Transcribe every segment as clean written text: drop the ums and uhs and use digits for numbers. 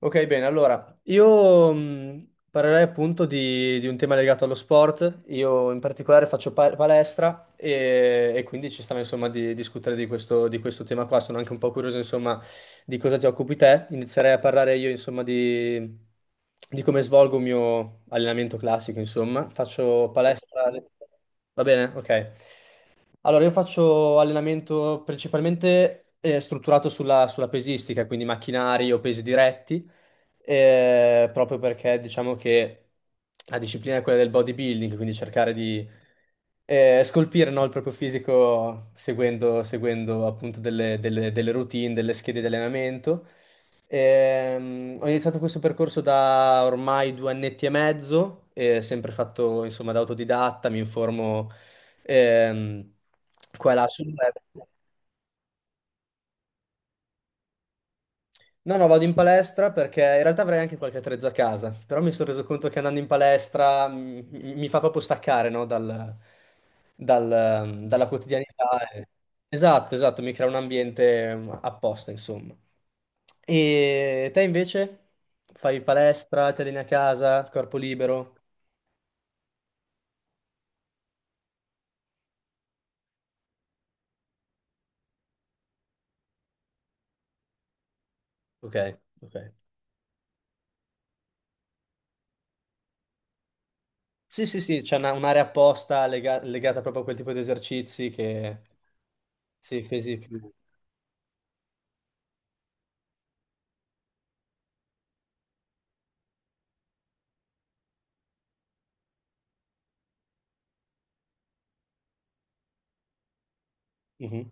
Ok, bene, allora io parlerei appunto di un tema legato allo sport. Io in particolare faccio palestra e quindi ci stava insomma di discutere di questo tema qua. Sono anche un po' curioso insomma di cosa ti occupi te. Inizierei a parlare io insomma di come svolgo il mio allenamento classico insomma. Faccio palestra. Va bene? Ok. Allora io faccio allenamento principalmente strutturato sulla pesistica, quindi macchinari o pesi diretti proprio perché diciamo che la disciplina è quella del bodybuilding, quindi cercare di scolpire no, il proprio fisico seguendo appunto delle routine, delle schede di allenamento. Ho iniziato questo percorso da ormai 2 annetti e mezzo, sempre fatto insomma da autodidatta, mi informo ehm, qua e là sul web. No, no, vado in palestra perché in realtà avrei anche qualche attrezzo a casa, però mi sono reso conto che andando in palestra mi fa proprio staccare, no, dalla quotidianità. Esatto, esatto, mi crea un ambiente apposta, insomma. E te invece? Fai palestra, ti alleni a casa, corpo libero? Ok, ok. Sì, sì, sì, c'è un'area apposta legata proprio a quel tipo di esercizi che. Sì, pesi più. Mhm,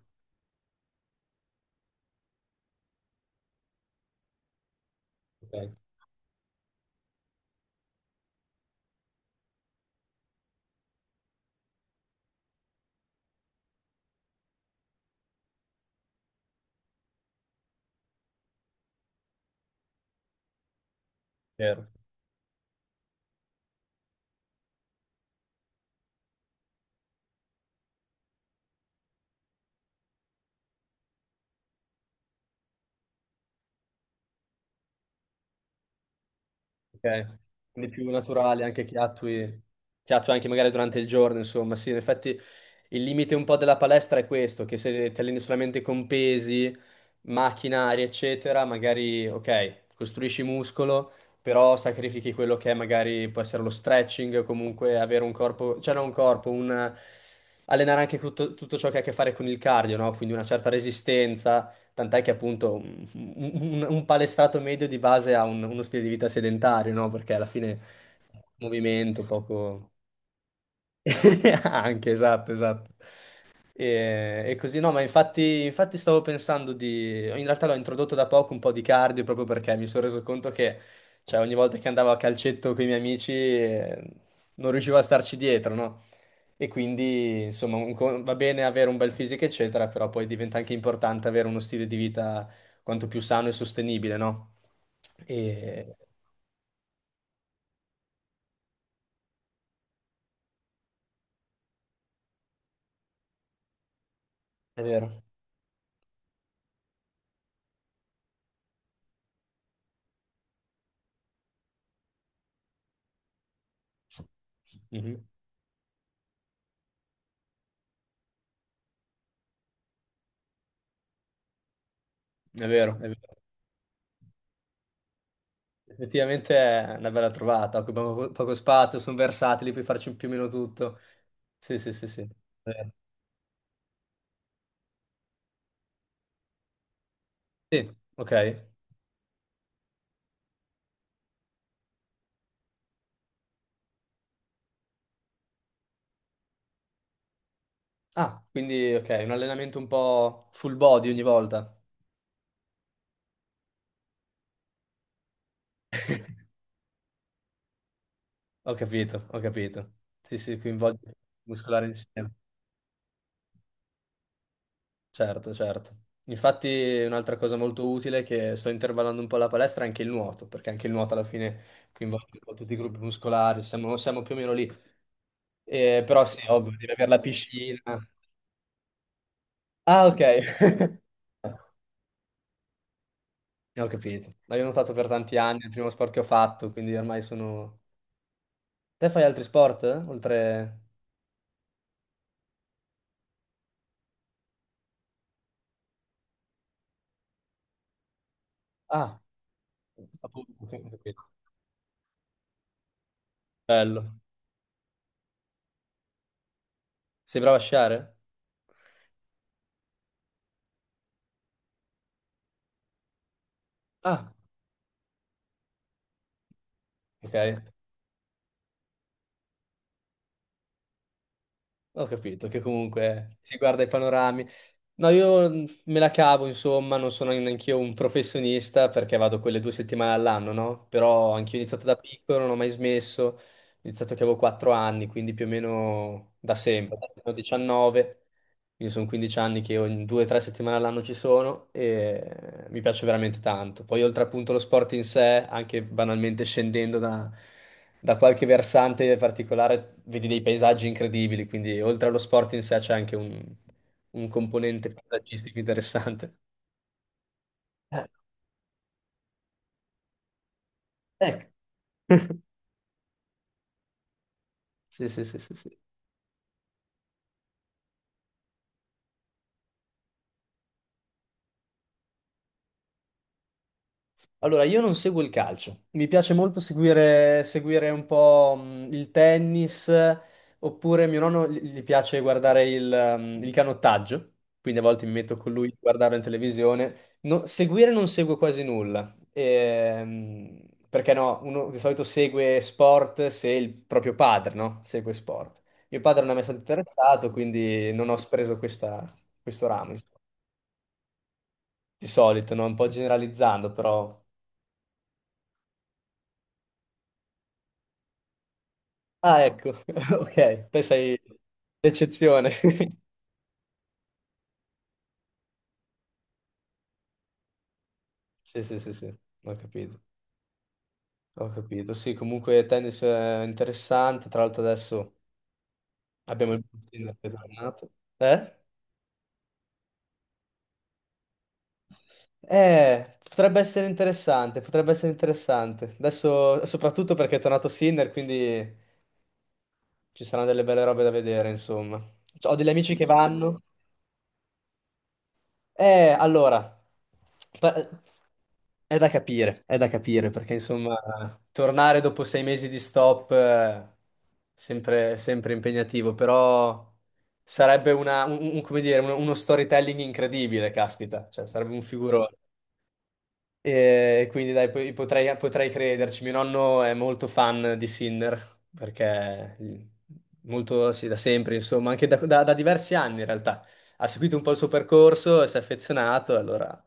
ok, vero. Ok, quindi più naturale anche che attui anche magari durante il giorno, insomma, sì, in effetti il limite un po' della palestra è questo, che se ti alleni solamente con pesi, macchinari, eccetera, magari, ok, costruisci muscolo, però sacrifichi quello che è magari può essere lo stretching, o comunque avere un corpo, cioè non un corpo, un. Allenare anche tutto, tutto ciò che ha a che fare con il cardio, no? Quindi una certa resistenza, tant'è che appunto un palestrato medio di base ha uno stile di vita sedentario, no? Perché alla fine movimento poco. Anche, esatto, esatto. E così no, ma infatti stavo pensando di. In realtà l'ho introdotto da poco un po' di cardio proprio perché mi sono reso conto che, cioè, ogni volta che andavo a calcetto con i miei amici non riuscivo a starci dietro, no? E quindi, insomma, va bene avere un bel fisico, eccetera, però poi diventa anche importante avere uno stile di vita quanto più sano e sostenibile, no? E. È vero. Mhm. È vero, è vero. Effettivamente è una bella trovata, occupano poco spazio, sono versatili, puoi farci più o meno tutto. Sì, sì, sì, sì. Eh, sì, ok. Ah, quindi ok, un allenamento un po' full body ogni volta. Ho capito, ho capito. Sì, sì, coinvolge il muscolare insieme. Certo, certo. Infatti un'altra cosa molto utile è che sto intervallando un po' la palestra è anche il nuoto, perché anche il nuoto alla fine coinvolge un po' tutti i gruppi muscolari, siamo più o meno lì. Però sì, ovvio, devi avere la piscina. Ah, ok. Ho capito. No, io ho nuotato per tanti anni, è il primo sport che ho fatto, quindi ormai sono. Te fai altri sport? Eh? Oltre. Ah, appunto, ok, ho capito. Bello. Sei bravo a sciare? Ah, ok. Ho capito che comunque si guarda i panorami. No, io me la cavo, insomma, non sono neanche io un professionista perché vado quelle 2 settimane all'anno, no? Però anch'io ho iniziato da piccolo, non ho mai smesso, ho iniziato che avevo 4 anni, quindi più o meno da sempre, da quando ho 19, quindi sono 15 anni che ogni 2-3 settimane all'anno ci sono e mi piace veramente tanto. Poi oltre appunto lo sport in sé, anche banalmente scendendo da qualche versante particolare, vedi dei paesaggi incredibili, quindi oltre allo sport in sé c'è anche un componente paesaggistico interessante. Eh, ecco, sì, sì, sì, sì, sì. Allora, io non seguo il calcio, mi piace molto seguire un po' il tennis, oppure mio nonno gli piace guardare il canottaggio, quindi a volte mi metto con lui a guardarlo in televisione. Seguire non seguo quasi nulla, perché no, uno di solito segue sport se il proprio padre, no? Segue sport. Mio padre non è mai stato interessato, quindi non ho preso questo ramo, insomma. Di solito, no? Un po' generalizzando, però. Ah, ecco, ok, te sei l'eccezione. Sì, sì, sì, sì, ho capito, ho capito. Sì, comunque tennis è interessante, tra l'altro adesso abbiamo il Bustiner che è tornato. Eh? Potrebbe essere interessante, potrebbe essere interessante. Adesso, soprattutto perché è tornato Sinner, quindi ci saranno delle belle robe da vedere, insomma. Ho degli amici che vanno. Allora, pa- è da capire, perché insomma, tornare dopo 6 mesi di stop è sempre, sempre impegnativo, però sarebbe come dire, uno storytelling incredibile, caspita, cioè sarebbe un figurone. E quindi dai, poi potrei crederci. Mio nonno è molto fan di Sinner, perché molto, sì, da sempre, insomma, anche da diversi anni in realtà. Ha seguito un po' il suo percorso, e si è affezionato, e allora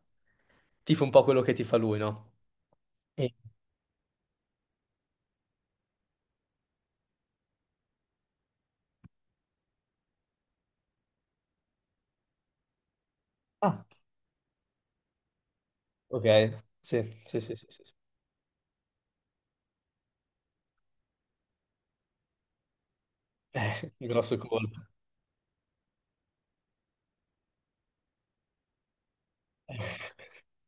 tifo un po' quello che tifa lui, no? E- Ah, ok, sì, sì, sì, sì, sì, sì. Grosso colpo.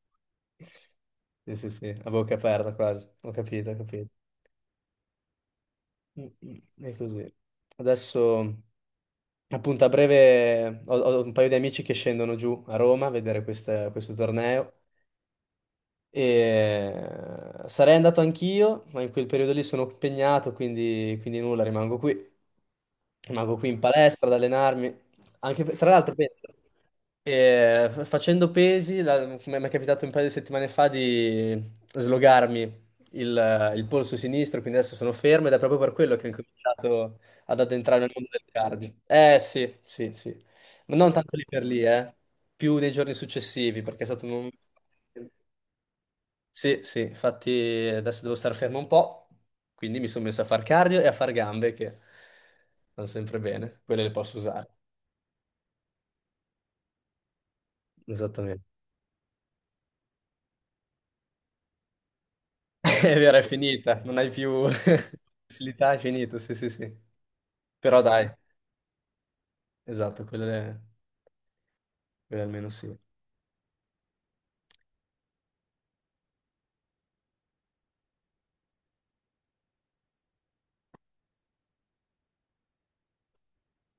Sì, sì, sì, a bocca aperta quasi, ho capito, ho capito. Mm, mm. È così. Adesso. Appunto, a breve ho, un paio di amici che scendono giù a Roma a vedere questo torneo e sarei andato anch'io, ma in quel periodo lì sono impegnato, quindi nulla, rimango qui. Rimango qui in palestra ad allenarmi. Anche tra l'altro, penso, facendo pesi, come mi è capitato un paio di settimane fa di slogarmi il polso sinistro, quindi adesso sono fermo ed è proprio per quello che ho incominciato ad addentrare nel mondo del cardio. Eh sì, sì, sì. Ma non tanto lì per lì, eh. Più nei giorni successivi, perché è stato un. Sì, sì, infatti adesso devo star fermo un po', quindi mi sono messo a far cardio e a far gambe che vanno sempre bene, quelle le posso usare. Esattamente. È vero, è finita, non hai più facilità, è finito, sì, sì, sì. Però dai, esatto, quelle almeno sì.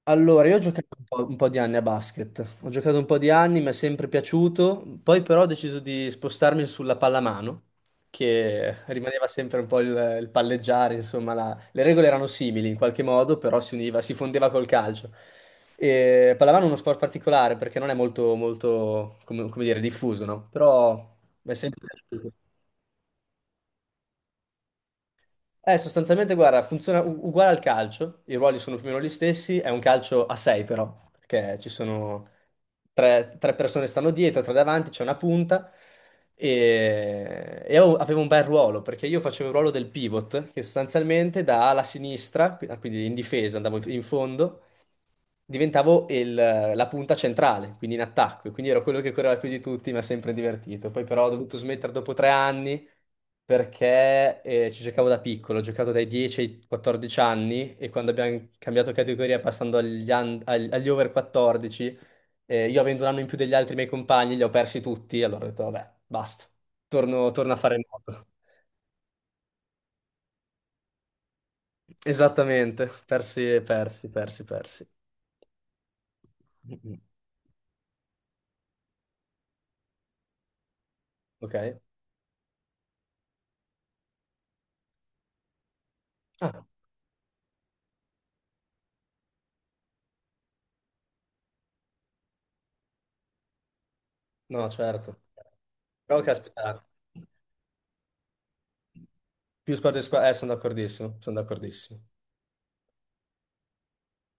Allora, io ho giocato un po' di anni a basket, ho giocato un po' di anni, mi è sempre piaciuto, poi però ho deciso di spostarmi sulla pallamano, che rimaneva sempre un po' il palleggiare, insomma, le regole erano simili in qualche modo, però si univa, si fondeva col calcio. E pallamano è uno sport particolare perché non è molto, molto, come dire, diffuso, no? Però mi è sempre piaciuto. Sostanzialmente, guarda, funziona uguale al calcio, i ruoli sono più o meno gli stessi, è un calcio a 6 però, perché ci sono tre persone stanno dietro, tre davanti, c'è una punta e avevo un bel ruolo, perché io facevo il ruolo del pivot, che sostanzialmente da ala sinistra, ah, quindi in difesa, andavo in fondo, diventavo la punta centrale, quindi in attacco, e quindi ero quello che correva più di tutti, mi ha sempre divertito. Poi però ho dovuto smettere dopo 3 anni perché ci giocavo da piccolo, ho giocato dai 10 ai 14 anni e quando abbiamo cambiato categoria passando agli over 14, io avendo un anno in più degli altri miei compagni, li ho persi tutti, allora ho detto vabbè, basta, torno a fare nuoto. Esattamente, persi, persi, persi, persi. Mm-mm. Ok? Ah, no, certo. Però caspita, più sport di squadra, sono d'accordissimo, sono d'accordissimo.